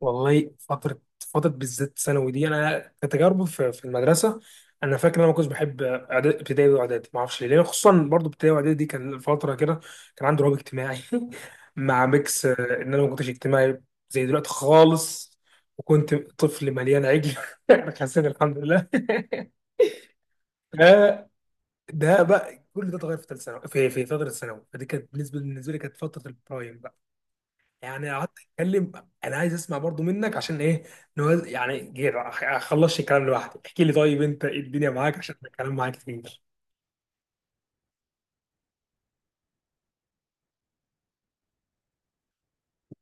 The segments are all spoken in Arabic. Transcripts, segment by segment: والله فترة بالذات ثانوي دي أنا كتجارب في المدرسة. أنا فاكر إن أنا ما كنتش بحب ابتدائي وإعدادي، ما أعرفش ليه، لأن خصوصا برضو ابتدائي وإعدادي دي كان فترة كده. كان عندي رهاب اجتماعي مع ميكس إن أنا ما كنتش اجتماعي زي دلوقتي خالص، وكنت طفل مليان عجل أنا حسيت الحمد لله ده ده بقى كل ده اتغير في ثالث ثانوي، في فترة ثانوي، فدي كانت بالنسبة لي كانت فترة البرايم. يعني قعدت اتكلم. انا عايز اسمع برضو منك، عشان ايه نوز... يعني جير اخلصش الكلام لوحدي. احكي لي طيب انت، إيه الدنيا معاك؟ عشان الكلام معاك كتير.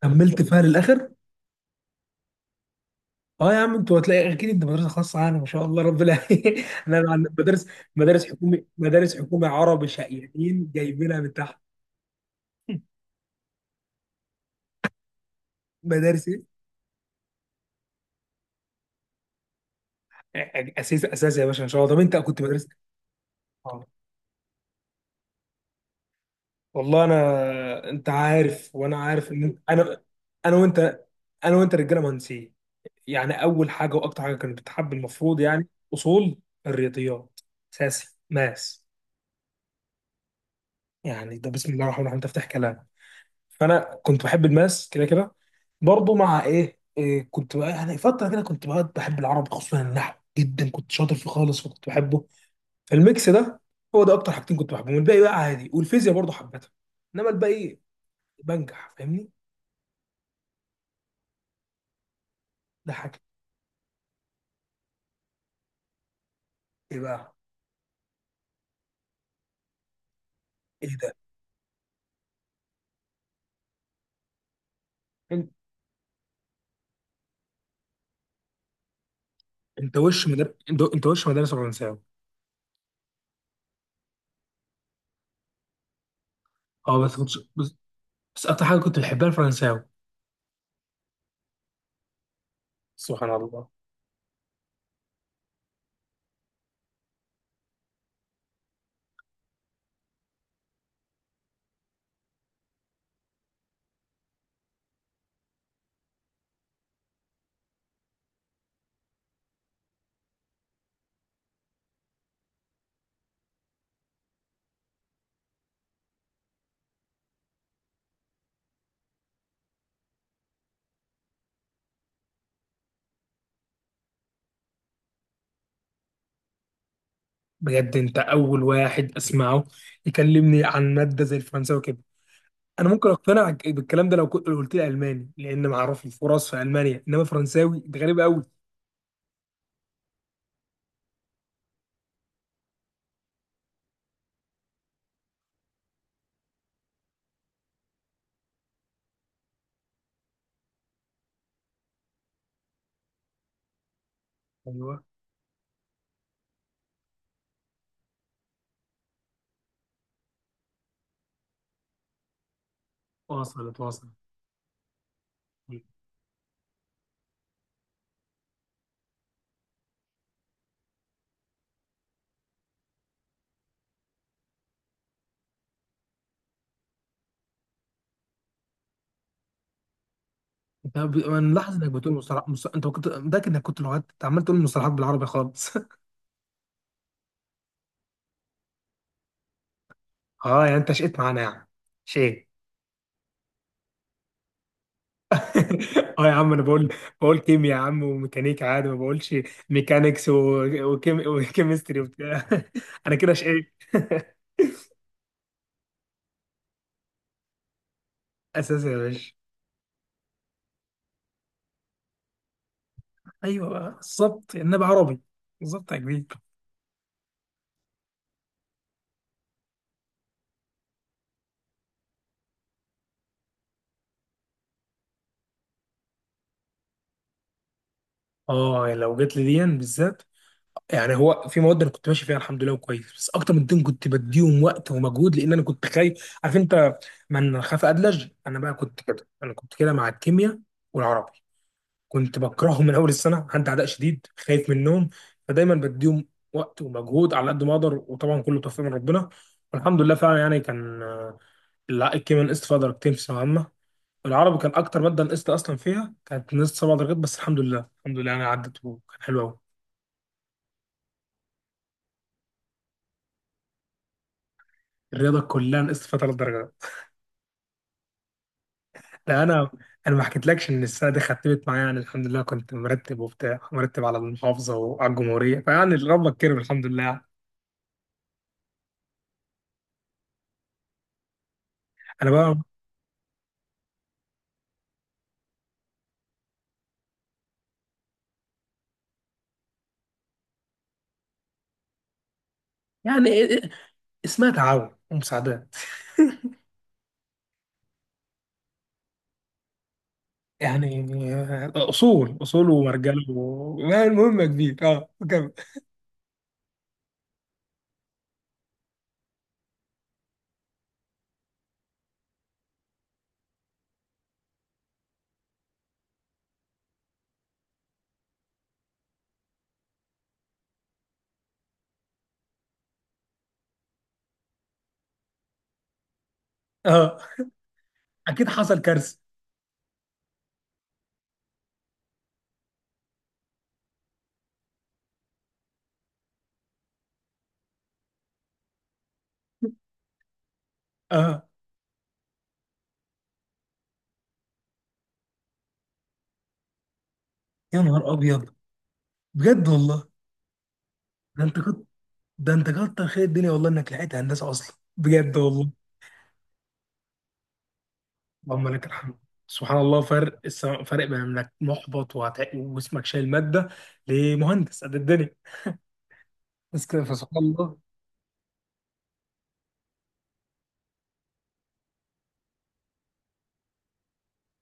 كملت فيها للاخر. اه يا عم انتوا، هتلاقي اكيد انت مدرسه خاصه، يعني ما شاء الله ربنا مدارس، مدارس حكومي، مدارس حكومي عربي، شقيانين جايبينها من تحت مدارس ايه؟ اساس يا باشا ان شاء الله. طب انت كنت مدرسه؟ اه والله انا، انت عارف وانا عارف ان انا. انا وانت، انا وانت رجاله مهندسين. يعني اول حاجه واكتر حاجه كانت بتحب المفروض يعني اصول، الرياضيات، اساسي ماس. يعني ده بسم الله الرحمن الرحيم، ده افتح كلام. فانا كنت بحب الماس كده كده. برضه مع ايه، كنت بقى يعني فتره كده كنت بقى بحب العربي، خصوصا النحو جدا كنت شاطر فيه خالص وكنت بحبه. فالميكس ده هو ده اكتر حاجتين كنت بحبهم. الباقي بقى عادي، والفيزياء برضه حبيتها، انما الباقي بنجح فاهمني. ده حاجه. ايه بقى؟ ايه ده؟ انت انت وش مدرسه، أنت وش مدرسه فرنساوي؟ اه بس كنت، بس اكتر حاجه كنت بحبها الفرنساوي. سبحان الله. بجد انت اول واحد اسمعه يكلمني عن ماده زي الفرنساوي كده. انا ممكن اقتنع بالكلام ده لو كنت، لو قلت لي الماني، لان معروف الفرص في المانيا، انما فرنساوي ده غريب قوي. ايوه، وصلت. انا ملاحظ انك بتقول انت كنت متاكد انك كنت لغات؟ انت عمال تقول مصطلحات بالعربي خالص اه يعني انت شقيت معانا يعني شيء. اه يا عم، انا بقول كيمياء يا عم، وميكانيكا، عادي ما بقولش ميكانيكس، وكيمستري وبتاع انا كده شقيت اساسي يا باشا. ايوه بقى بالظبط، انما عربي، بالظبط يا كبير. اه يعني لو جت لي دي بالذات، يعني هو في مواد انا كنت ماشي فيها الحمد لله وكويس، بس اكتر من دين كنت بديهم وقت ومجهود، لان انا كنت خايف، عارف انت، من خاف ادلج. انا بقى كنت كده، انا كنت كده مع الكيمياء والعربي، كنت بكرههم من اول السنه، عندي عداء شديد، خايف منهم. فدايما بديهم وقت ومجهود على قد ما اقدر، وطبعا كله توفيق من ربنا والحمد لله فعلا. يعني كان لا الكيمياء نقصت فيها درجتين في ثانويه عامه. العربي كان اكتر ماده نقصت اصلا فيها، كانت نقصت 7 درجات، بس الحمد لله الحمد لله يعني عدت وكان حلو قوي. الرياضه كلها نقصت فيها 3 درجات. لا انا، انا ما حكيتلكش ان السنه دي ختمت معايا يعني الحمد لله، كنت مرتب وبتاع، مرتب على المحافظه وعلى الجمهوريه، فيعني ربك كرم الحمد لله يعني. انا بقى يعني إيه، اسمها تعاون ومساعدات. يعني اصول ومرجله ما المهم يا كبير، اه كمل. اه اكيد حصل كارثه. اه يا نهار ابيض، بجد والله. ده انت كنت، ده انت كتر خير الدنيا والله انك لحقت هندسه اصلا، بجد والله. اللهم لك الحمد. سبحان الله فرق بين انك محبط واسمك شايل ماده، لمهندس قد الدنيا. بس كده، فسبحان الله.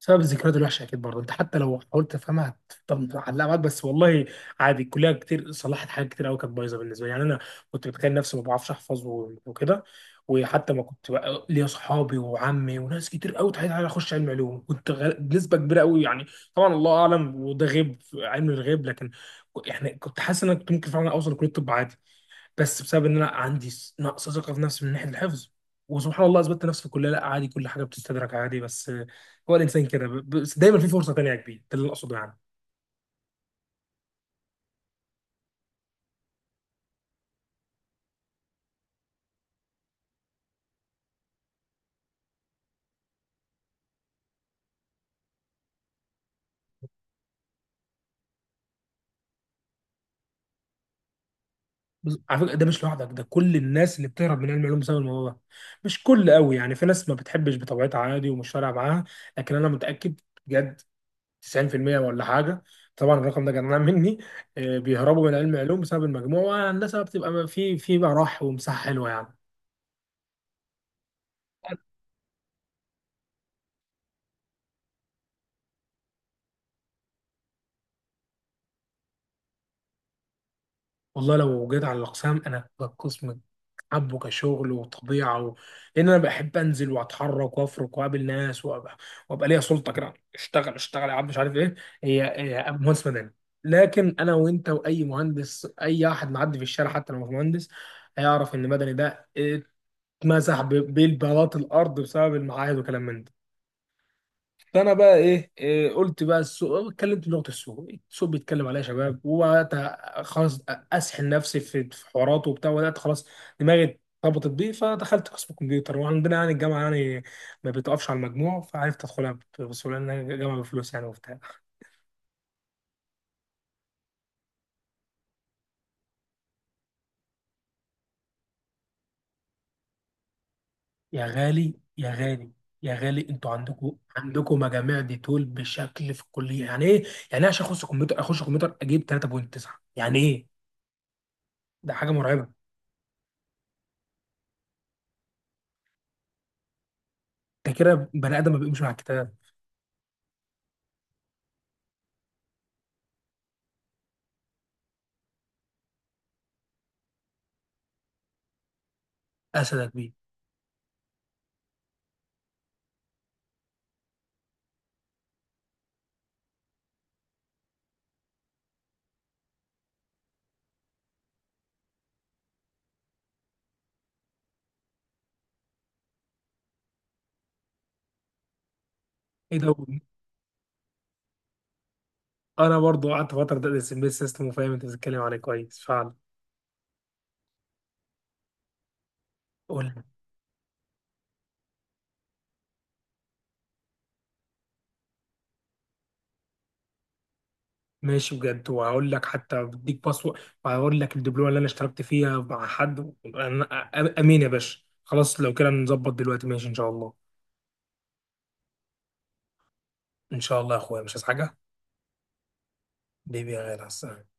بسبب الذكريات الوحشه اكيد برضه، انت حتى لو حاولت تفهمها هتفضل معلقه معاك، بس والله عادي الكليه كتير صلحت حاجات كتير قوي كانت بايظه بالنسبه لي. يعني انا كنت بتخيل نفسي ما بعرفش احفظ وكده، وحتى ما كنت بقى ليا صحابي وعمي وناس كتير قوي تحيل على اخش علم علوم، كنت بنسبه كبيره قوي يعني. طبعا الله اعلم، وده غيب علم الغيب، لكن يعني كنت حاسس ان انا كنت ممكن فعلا اوصل لكليه الطب عادي، بس بسبب ان انا عندي نقص ثقه في نفسي من ناحيه الحفظ. وسبحان الله اثبتت نفسي في الكليه، لا عادي كل حاجه بتستدرك عادي، بس هو الانسان كده بس دايما في فرصه تانيه يا كبير، ده اللي أنا اقصده يعني. بس على فكره ده مش لوحدك، ده كل الناس اللي بتهرب من علم العلوم بسبب الموضوع ده، مش كل قوي يعني، في ناس ما بتحبش بطبيعتها عادي ومش فارقه معاها. لكن انا متاكد بجد 90% ولا حاجه، طبعا الرقم ده جنان مني، بيهربوا من علم العلوم بسبب المجموع، والهندسه بتبقى في بقى راح ومساحه حلوه يعني. والله لو جيت على الاقسام، انا القسم حبه كشغل وطبيعه و... لان انا بحب انزل واتحرك وافرك واقابل ناس وابقى، ليا سلطه كده، اشتغل اشتغل يا عم مش عارف ايه. هي مهندس مدني. لكن انا وانت واي مهندس، اي احد معدي في الشارع حتى لو مش مهندس، هيعرف ان مدني ده اتمسح بالبلاط الارض بسبب المعاهد وكلام من ده. فانا بقى ايه، قلت بقى السوق، اتكلمت بلغه السوق، السوق بيتكلم عليها يا شباب، وبدات خلاص اسحل نفسي في حواراته وبتاع، وبدات خلاص دماغي ارتبطت بيه، فدخلت قسم الكمبيوتر. وعندنا يعني الجامعه يعني ما بتقفش على المجموع، فعرفت ادخلها بسهوله لان الجامعه بفلوس يعني وبتاع. يا غالي يا غالي انتوا عندكم مجاميع دي طول بشكل في الكليه؟ يعني ايه؟ يعني ايه عشان اخش كمبيوتر، اخش كمبيوتر اجيب 3.9؟ يعني ايه؟ ده حاجه مرعبه. انت كده بني ادم ما بيقومش مع الكتاب. اسدك. ايه ده، انا برضو قعدت فتره ادرس امبيد سيستم، وفاهم انت بتتكلم عليه كويس فعلا. قول لي. ماشي بجد، وهقول لك حتى بديك باسورد، وهقول لك الدبلومه اللي انا اشتركت فيها مع حد. امين يا باشا خلاص، لو كده نظبط دلوقتي ماشي ان شاء الله. ان شاء الله يا اخويا، مش عايز حاجه. بيبي يا غالي، على السلامة.